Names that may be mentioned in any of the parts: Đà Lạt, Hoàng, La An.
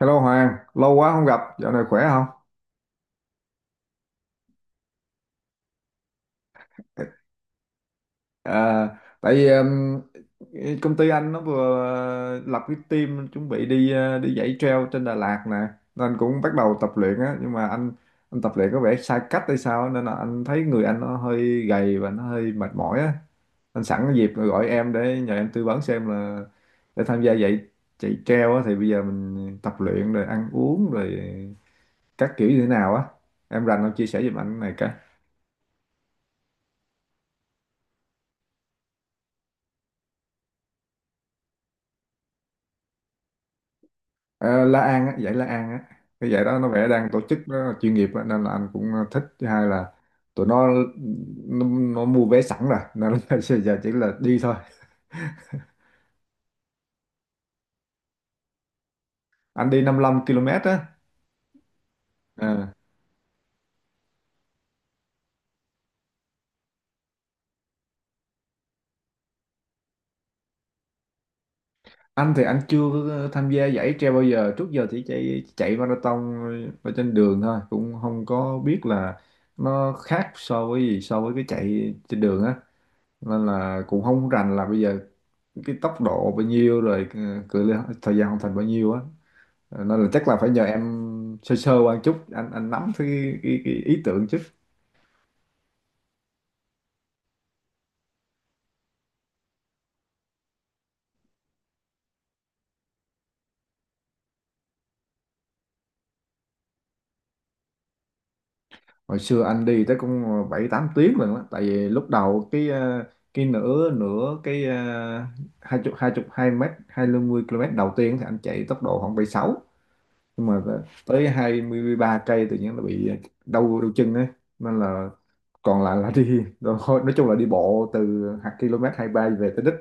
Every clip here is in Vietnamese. Hello Hoàng, lâu quá không gặp, dạo này khỏe không? À, tại vì công ty anh nó vừa lập cái team chuẩn bị đi đi dãy trail trên Đà Lạt nè, nên cũng bắt đầu tập luyện á, nhưng mà anh tập luyện có vẻ sai cách hay sao á, nên là anh thấy người anh nó hơi gầy và nó hơi mệt mỏi á. Anh sẵn cái dịp rồi gọi em để nhờ em tư vấn xem là để tham gia dãy chạy trail á thì bây giờ mình tập luyện rồi ăn uống rồi các kiểu như thế nào á. Em rành không chia sẻ giùm anh cái này? Ờ, La An á, giải La An á. Cái giải đó nó vẽ đang tổ chức nó chuyên nghiệp á, nên là anh cũng thích. Thứ hai là tụi nó, nó mua vé sẵn rồi nên là giờ chỉ là đi thôi. Anh đi 55 km á. Ờ. Anh thì anh chưa có tham gia giải trail bao giờ. Trước giờ chỉ chạy chạy marathon ở trên đường thôi, cũng không có biết là nó khác so với gì so với cái chạy trên đường á. Nên là cũng không rành là bây giờ cái tốc độ bao nhiêu rồi cự ly thời gian hoàn thành bao nhiêu á, nên là chắc là phải nhờ em sơ sơ qua chút anh nắm cái ý tưởng chứ. Hồi xưa anh đi tới cũng 7-8 tiếng lần đó, tại vì lúc đầu cái cái nửa nửa cái hai chục hai mét 20 km đầu tiên thì anh chạy tốc độ khoảng bảy sáu, nhưng mà tới 23 cây tự nhiên là bị đau đau chân ấy, nên là còn lại là đi thôi, nói chung là đi bộ từ hạt km 23 về tới đích,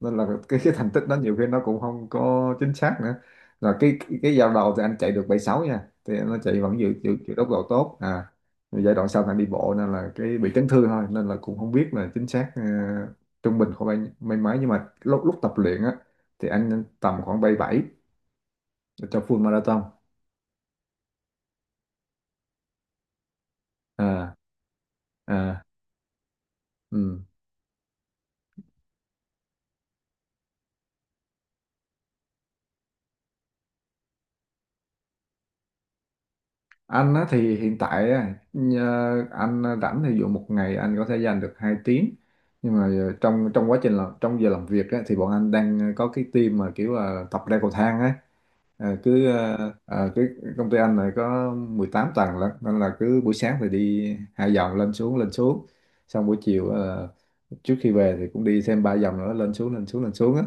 nên là cái thành tích đó nhiều khi nó cũng không có chính xác nữa, là cái giao đầu thì anh chạy được bảy sáu nha, thì nó chạy vẫn giữ giữ, giữ tốc độ tốt à. Rồi giai đoạn sau thằng đi bộ nên là cái bị chấn thương thôi, nên là cũng không biết là chính xác, trung bình khoảng mấy mấy, nhưng mà lúc lúc tập luyện á thì anh tầm khoảng bảy bảy cho full marathon. À, à. Ừ. Anh á, thì hiện tại á, anh rảnh thì dụ một ngày anh có thể dành được 2 tiếng, nhưng mà trong trong quá trình làm trong giờ làm việc á, thì bọn anh đang có cái team mà kiểu là tập leo cầu thang á. Ờ, cứ cái công ty anh này có 18 tầng lận, nên là cứ buổi sáng thì đi hai vòng lên xuống lên xuống, xong buổi chiều trước khi về thì cũng đi thêm ba vòng nữa lên xuống lên xuống lên xuống á,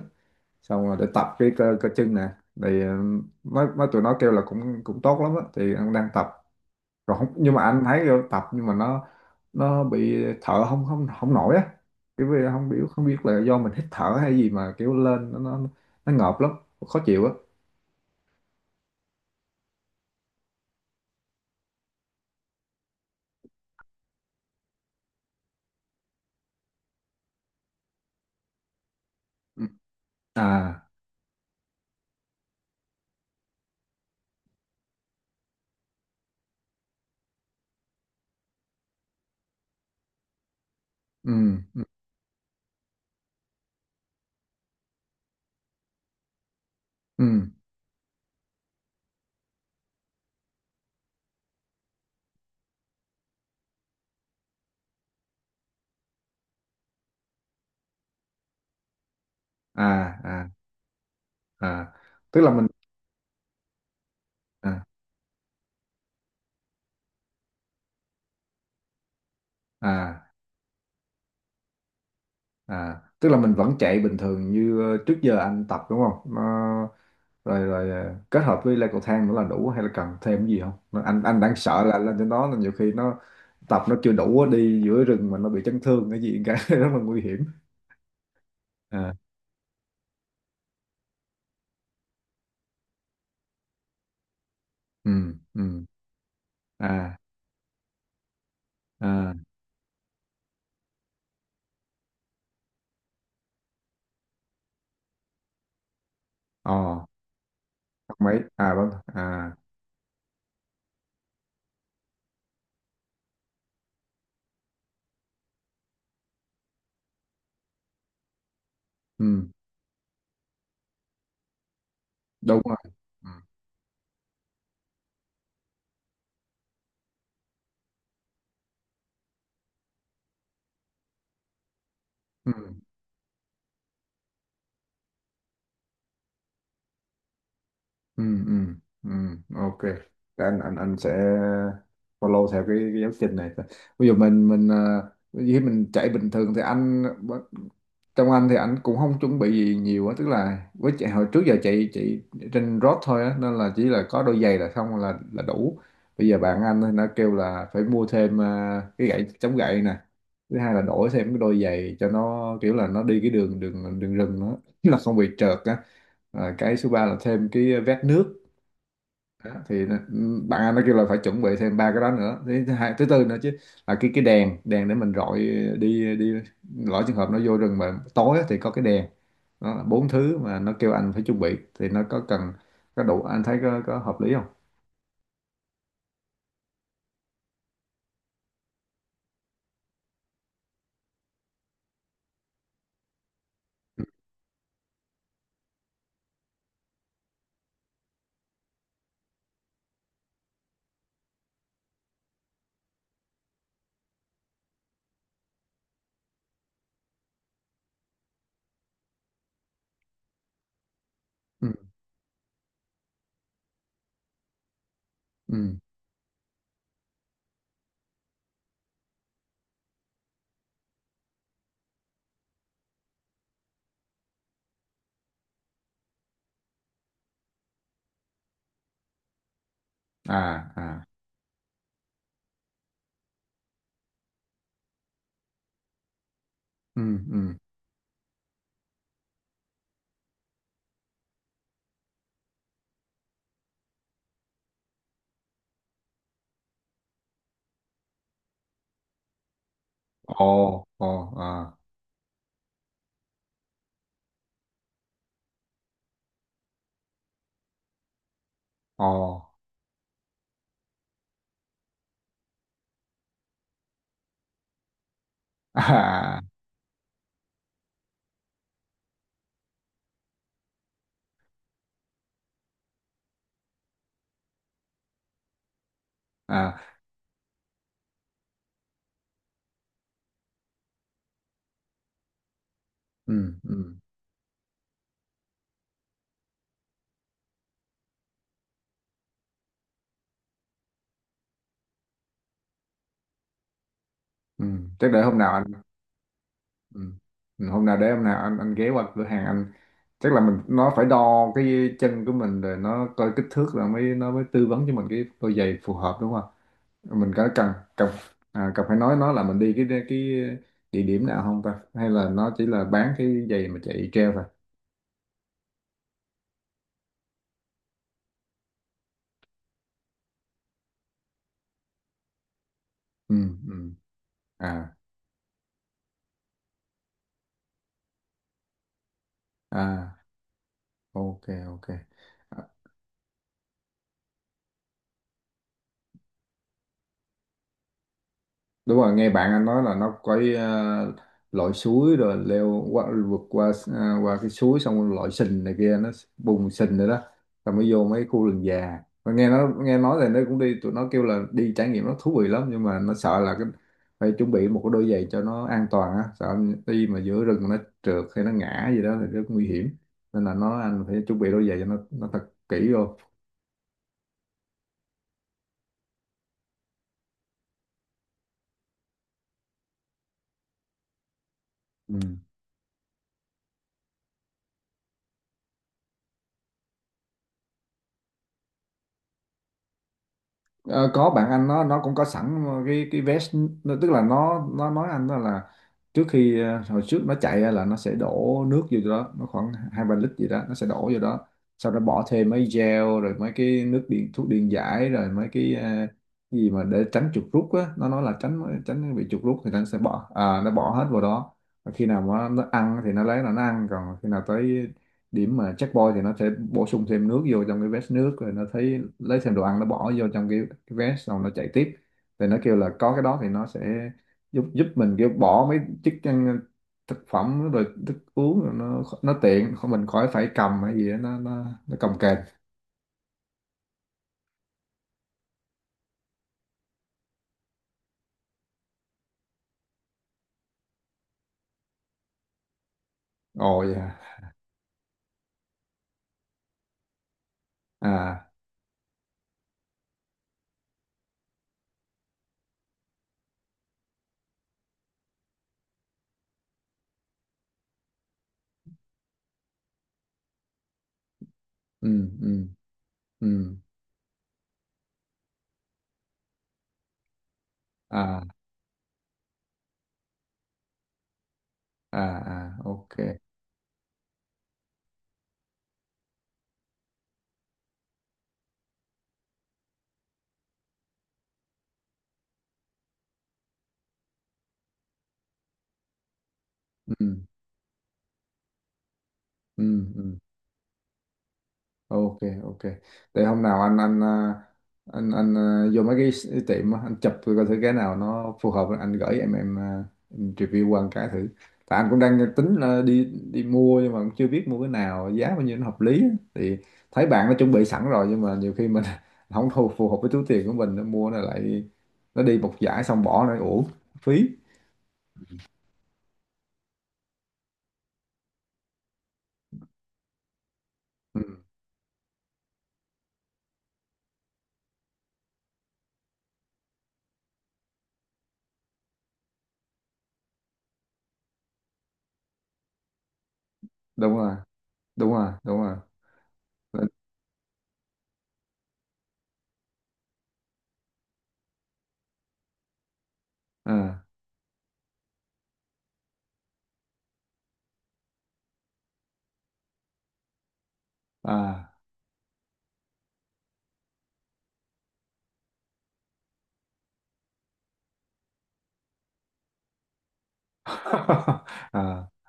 xong rồi để tập cái cơ chân nè, thì mấy mấy tụi nó kêu là cũng cũng tốt lắm á, thì anh đang tập rồi không, nhưng mà anh thấy vô tập nhưng mà nó bị thở không không không nổi á, kiểu vì không biết là do mình hít thở hay gì mà kiểu lên nó ngợp lắm, khó chịu á. Ừ. À. Ừ, ừ, ừ. À, à. À, tức là mình à à tức là mình vẫn chạy bình thường như trước giờ anh tập đúng không. Rồi, rồi, kết hợp với leo cầu thang nữa là đủ, hay là cần thêm gì không. Anh đang sợ là lên trên đó là nhiều khi nó tập nó chưa đủ á, đi giữa rừng mà nó bị chấn thương cái gì cả rất là nguy hiểm. À. Ừ, ừ. À, à. Ồ. Mấy. À. Vâng. À. Ừ. Đúng rồi. Ừ, ừ, ừ, ừ, ừ. Ok. Để anh sẽ follow theo cái giáo trình này. Ví dụ mình chạy bình thường thì anh, cũng không chuẩn bị gì nhiều á, tức là với chạy hồi trước giờ chạy chạy trên road thôi á, nên là chỉ là có đôi giày là xong là đủ. Bây giờ bạn anh thì nó kêu là phải mua thêm cái gậy chống gậy nè. Thứ hai là đổi thêm cái đôi giày cho nó, kiểu là nó đi cái đường đường đường rừng nữa là không bị trượt á. À, cái số 3 là thêm cái vét nước. Đó, thì bạn anh nó kêu là phải chuẩn bị thêm ba cái đó nữa, thứ thứ hai thứ tư nữa chứ, là cái đèn đèn để mình rọi đi đi, lỡ trường hợp nó vô rừng mà tối á thì có cái đèn. Đó là bốn thứ mà nó kêu anh phải chuẩn bị, thì nó có cần có đủ, anh thấy có hợp lý không? Ừ. Ừ, ừ. À, à. Ừ, ừ. Ồ, ồ. À. Ồ. À, à. Ừ, ừ, ừ. Chắc để hôm nào anh. Ừ. Ừ, hôm nào để hôm nào anh ghé qua cửa hàng anh, chắc là mình nó phải đo cái chân của mình rồi nó coi kích thước rồi mới nó mới tư vấn cho mình cái đôi giày phù hợp đúng không? Mình có cần cần à, cần phải nói nó là mình đi cái địa điểm nào không ta? Hay là nó chỉ là bán cái giày mà chạy treo thôi? Ừ, ừ. À, à, ok, ok. Đúng rồi, nghe bạn anh nói là nó có uh, lội suối rồi leo qua vượt qua qua cái suối, xong rồi lội sình này kia, nó bùn sình rồi đó, rồi mới vô mấy khu rừng già. Mà nghe nó nghe nói là nó cũng đi, tụi nó kêu là đi trải nghiệm nó thú vị lắm, nhưng mà nó sợ là cái phải chuẩn bị một cái đôi giày cho nó an toàn á, sợ đi mà giữa rừng nó trượt hay nó ngã gì đó thì rất nguy hiểm, nên là nó anh phải chuẩn bị đôi giày cho nó thật kỹ vô. Ừ. Ờ, có bạn anh nó cũng có sẵn cái vest, nó, tức là nó nói anh đó là, trước khi hồi trước nó chạy á, là nó sẽ đổ nước vô đó, nó khoảng 2-3 lít gì đó nó sẽ đổ vô đó, sau đó bỏ thêm mấy gel rồi mấy cái nước điện thuốc điện giải rồi mấy cái cái gì mà để tránh chuột rút á, nó nói là tránh tránh bị chuột rút thì nó sẽ bỏ, nó bỏ hết vào đó. Và khi nào mà nó ăn thì nó lấy là nó ăn, còn khi nào tới điểm mà checkpoint thì nó sẽ bổ sung thêm nước vô trong cái vest nước, rồi nó thấy lấy thêm đồ ăn nó bỏ vô trong cái vest, xong nó chạy tiếp. Thì nó kêu là có cái đó thì nó sẽ giúp giúp mình, kiểu bỏ mấy chức năng thực phẩm rồi thức uống rồi, nó tiện, không mình khỏi phải cầm hay gì đó, nó cầm kềnh. Ồ, dạ. À. Ừ, ừ, ừ. À, à, à. Ok. Ừ, ừ, ừ. Ok, ok. Để hôm nào anh à, vô mấy cái, tiệm á, anh chụp coi thử cái nào nó phù hợp, anh gửi em review qua một cái thử. Tại anh cũng đang tính là đi đi mua, nhưng mà cũng chưa biết mua cái nào giá bao nhiêu nó hợp lý á. Thì thấy bạn nó chuẩn bị sẵn rồi, nhưng mà nhiều khi mình không thu phù hợp với túi tiền của mình, nó mua nó lại nó đi một giải xong bỏ nó uổng phí. Ừ, đúng rồi, đúng rồi, đúng rồi. À, à.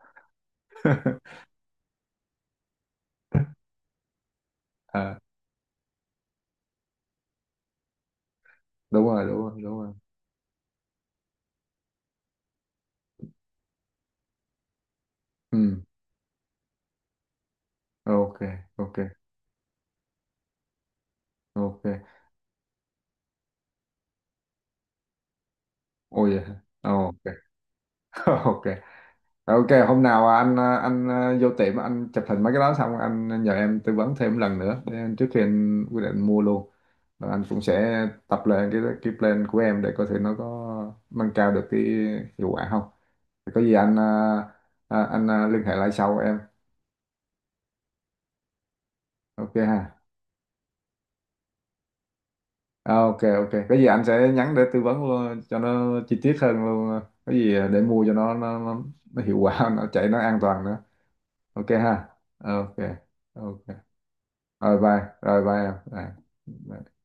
À. Đúng rồi, đúng rồi, đúng rồi. Ừ. Ok, ok, ok. Ôi vậy hả? Ok. Ok, ok, hôm nào anh anh vô tiệm anh chụp hình mấy cái đó xong anh nhờ em tư vấn thêm lần nữa để trước khi anh quyết định mua luôn. Và anh cũng sẽ tập lên cái plan của em để coi thử nó có nâng cao được cái hiệu quả không. Thì có gì anh liên hệ lại sau em. Ok ha. À, ok, ok, cái gì anh sẽ nhắn để tư vấn luôn cho nó chi tiết hơn luôn, cái gì để mua cho nó hiệu quả, nó chạy nó an toàn nữa. Ok ha. Ok, ok. Rồi bye, rồi bye em. Bye. Bye.